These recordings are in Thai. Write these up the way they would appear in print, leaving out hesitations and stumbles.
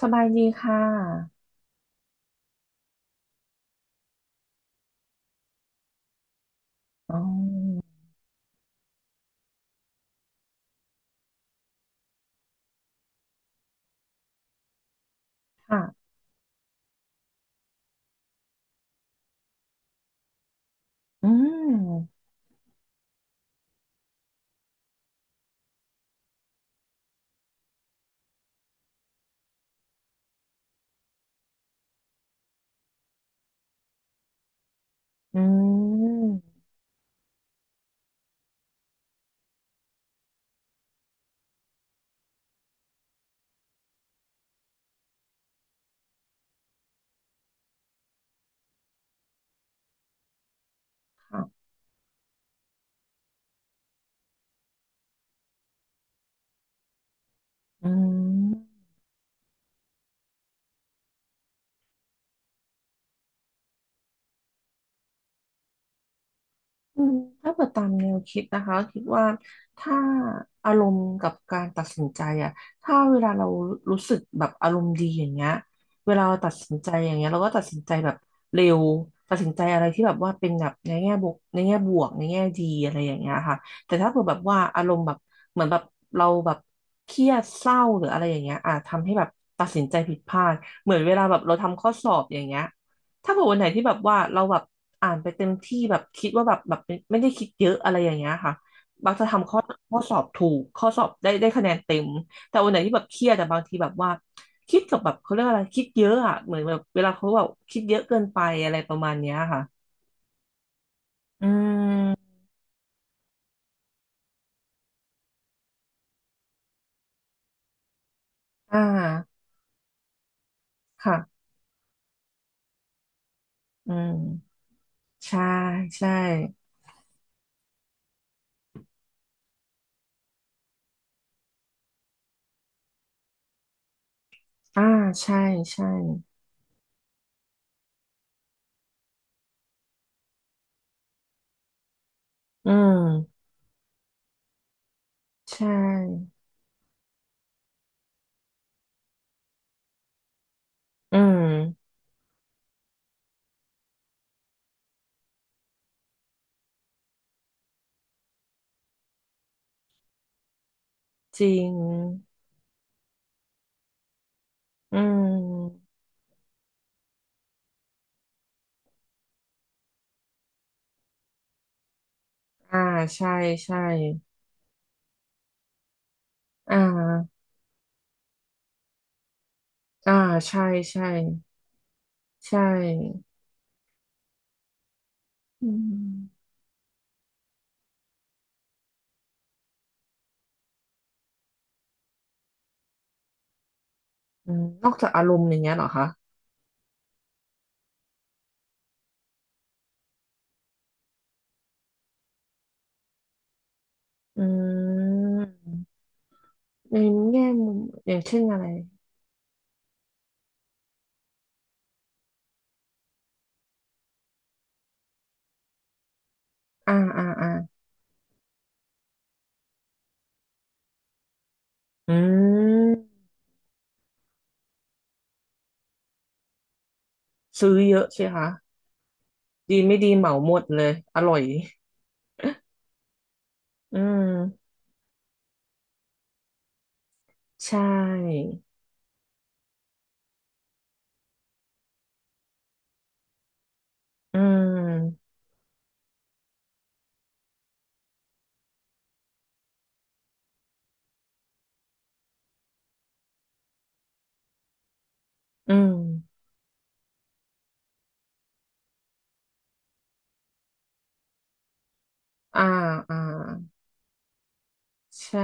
สบายดีค่ะอ๋อค่ะอืมอืมค่ะอืม อืมถ้าเปิดตามแนวคิดนะคะคิดว่าถ้าอารมณ์กับการตัดสินใจอะถ้าเวลาเรารู้สึกแบบอารมณ์ดีอย่างเงี้ยเวลาเราตัดสินใจอย่างเงี้ยเราก็ตัดสินใจแบบเร็วตัดสินใจอะไรที่แบบว่าเป็นแบบในแง่บวกในแง่บวกในแง่ดีอะไรอย่างเงี้ยค่ะแต่ถ้าเกิดแบบว่าอารมณ์แบบเหมือนแบบเราแบบเครียดเศร้าหรืออะไรอย่างเงี้ยอ่ะทำให้แบบตัดสินใจผิดพลาดเหมือนเวลาแบบเราทำข้อสอบอย่างเงี้ย ถ้าเผื่อวันไหนที่แบบว่าเราแบบอ่านไปเต็มที่แบบคิดว่าแบบแบบไม่ได้คิดเยอะอะไรอย่างเงี้ยค่ะบางจะทำข้อข้อสอบถูกข้อสอบได้คะแนนเต็มแต่วันไหนที่แบบเครียดแต่บางทีแบบว่าคิดกับแบบเขาเรียกอะไรคิดเยอะอ่ะเหมือนแบบเวลาเขาแบบคิดเยอะเกินไปอะไรประมาณเนี้ยค่ะอืมอ่าค่ะอืมใช่ใช่อ่าใช่ใช่อืมใช่อืมจริงอืมอ่าใช่ใช่ อ่าอ่าใช่ใช่ใช่อืมอืมนอกจากอารมณ์อย่างเงี้ยเหรอคะอืมในแง่มุมอย่างเช่นอะไรอ่าอ่าอ่าอืมซื้อเยอะสิคะดีไม่ดีเหมาหมดเลยอร่อยอืมใช่อืมอืมอ่าอ่าใช่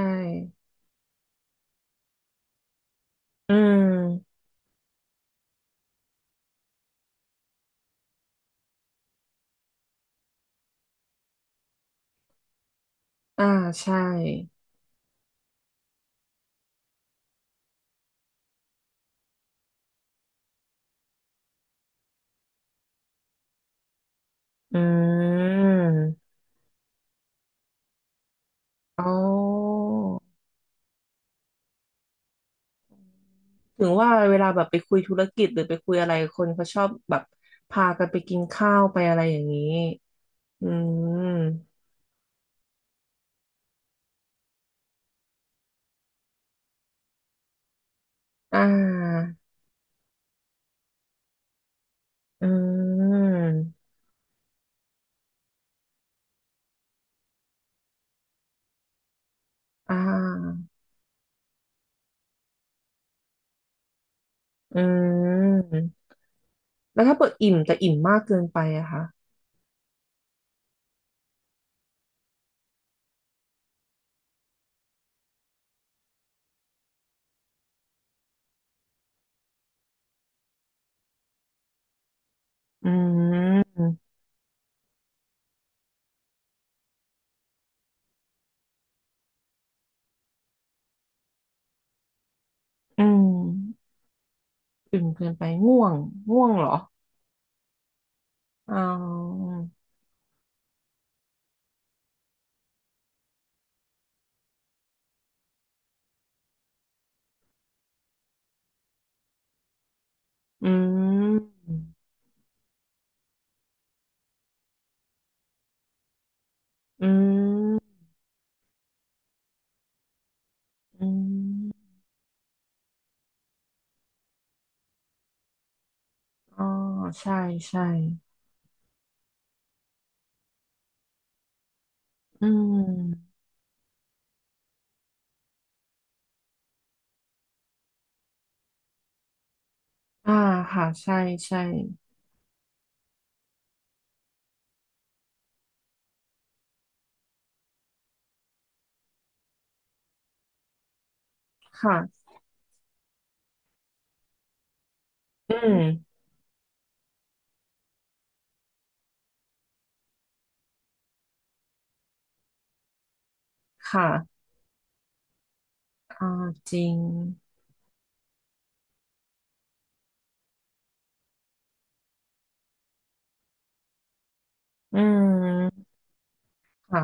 อืมอ่าใช่อืมอ๋อ ถึงว่าเวลาแบบไปคุยธุรกิจหรือไปคุยอะไรคนเขาชอบแบบพากันไปกินข้าวไปอะไรอย่างนี้อืมอ่าอืมอ่าอืมแล้วถ้าเปิดอิ่มแต่อิ่มมากเกินไปอะคะอืมอืมอิ่มเกินไปง่วงง่วงเหรออ๋ออืมอืมอืมอ๋อใช่ใช่อืมอ่าค่ะใช่ใช่ ค่ะอืมค่ะอ่าจริงอืมค่ะ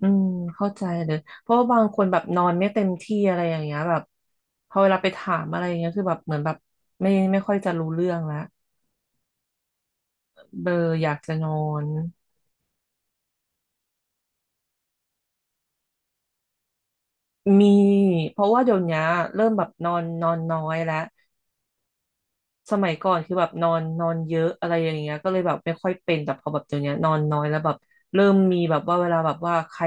อืมเข้าใจเลยเพราะว่าบางคนแบบนอนไม่เต็มที่อะไรอย่างเงี้ยแบบพอเวลาไปถามอะไรอย่างเงี้ยคือแบบเหมือนแบบไม่ค่อยจะรู้เรื่องแลวเบลออยากจะนอนมีเพราะว่าเดี๋ยวเนี้ยเริ่มแบบนอนนอนน้อยแล้ว สมัยก่อนคือแบบนอนนอนเยอะอะไรอย่างเงี้ยก็เลยแบบไม่ค่อยเป็นแต่พอแบบเดี๋ยวเนี้ยนอนน้อยแล้วแบบเริ่มมีแบบว่าเวลาแบบว่าใคร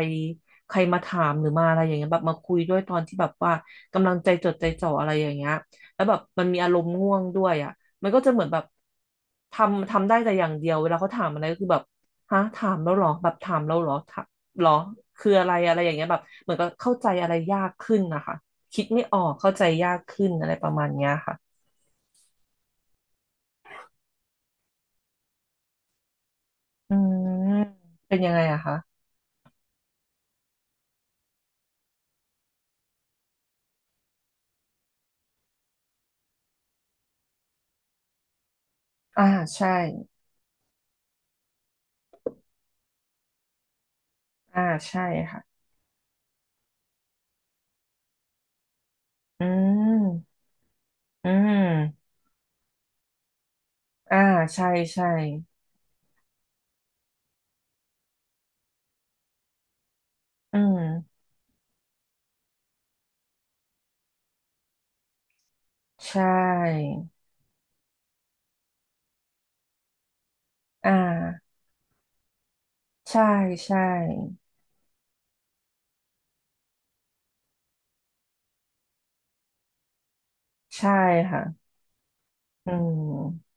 ใครมาถามหรือมาอะไรอย่างเงี้ยแบบมาคุยด้วยตอนที่แบบว่ากำลังใจจดใจจ่ออะไรอย่างเงี้ยแล้วแบบมันมีอารมณ์ง่วงด้วยอ่ะมันก็จะเหมือนแบบทำได้แต่อย่างเดียวเวลาเขาถามอะไรก็คือแบบฮะถามแล้วเหรอแบบถามแล้วเหรอถามเหรอคืออะไรอะไรอย่างเงี้ยแบบเหมือนก็เข้าใจอะไรยากขึ้นนะคะคิดไม่ออกเข้าใจยากขึ้นอะไรประมาณเนี้ยค่ะ อืมเป็นยังไงอะคะอ่าใช่อ่าใช่ค่ะ อืม อืมอ่าใช่ใช่ อืม ใช่อ่าใช่ใช่ ใช่ค่ะ อืม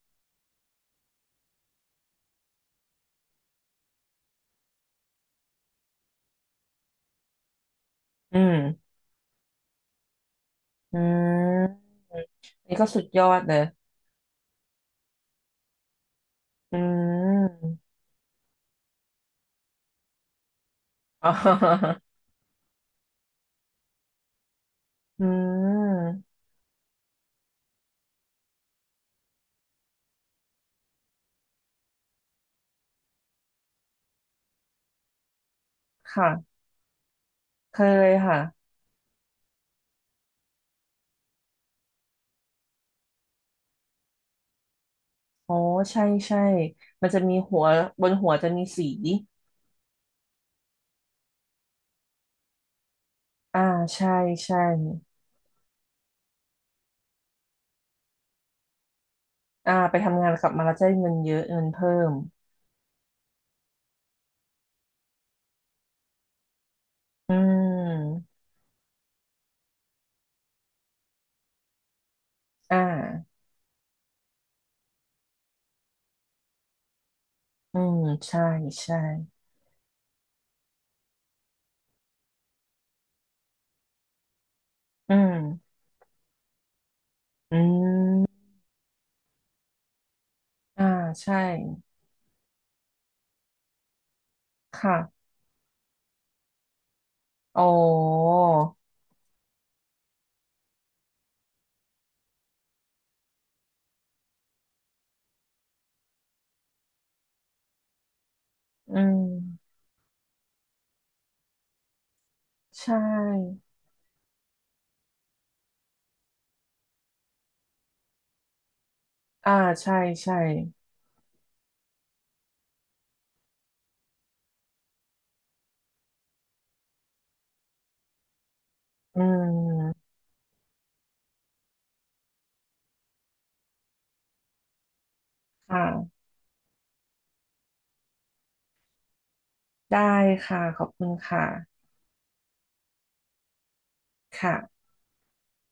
อืมอืมอันนี้ก็สุดยอดเลยอืม อ๋ออืมค่ะเคยค่ะอ๋อใช่ใช่มันจะมีหัวบนหัวจะมีสีอ่าใช่ใช่ อ่าไปทำงานกลับมาแล้วจะได้เงินเยอะเงินเพิ่มอืมอ่าอืมใช่ใช่อืมอืมอ่า ใช่ ค่ะอ๋ออืมใช่ อ่า ใช่ใช่อืมค่ะได้ค่ะขอบคุณค่ะค่ะ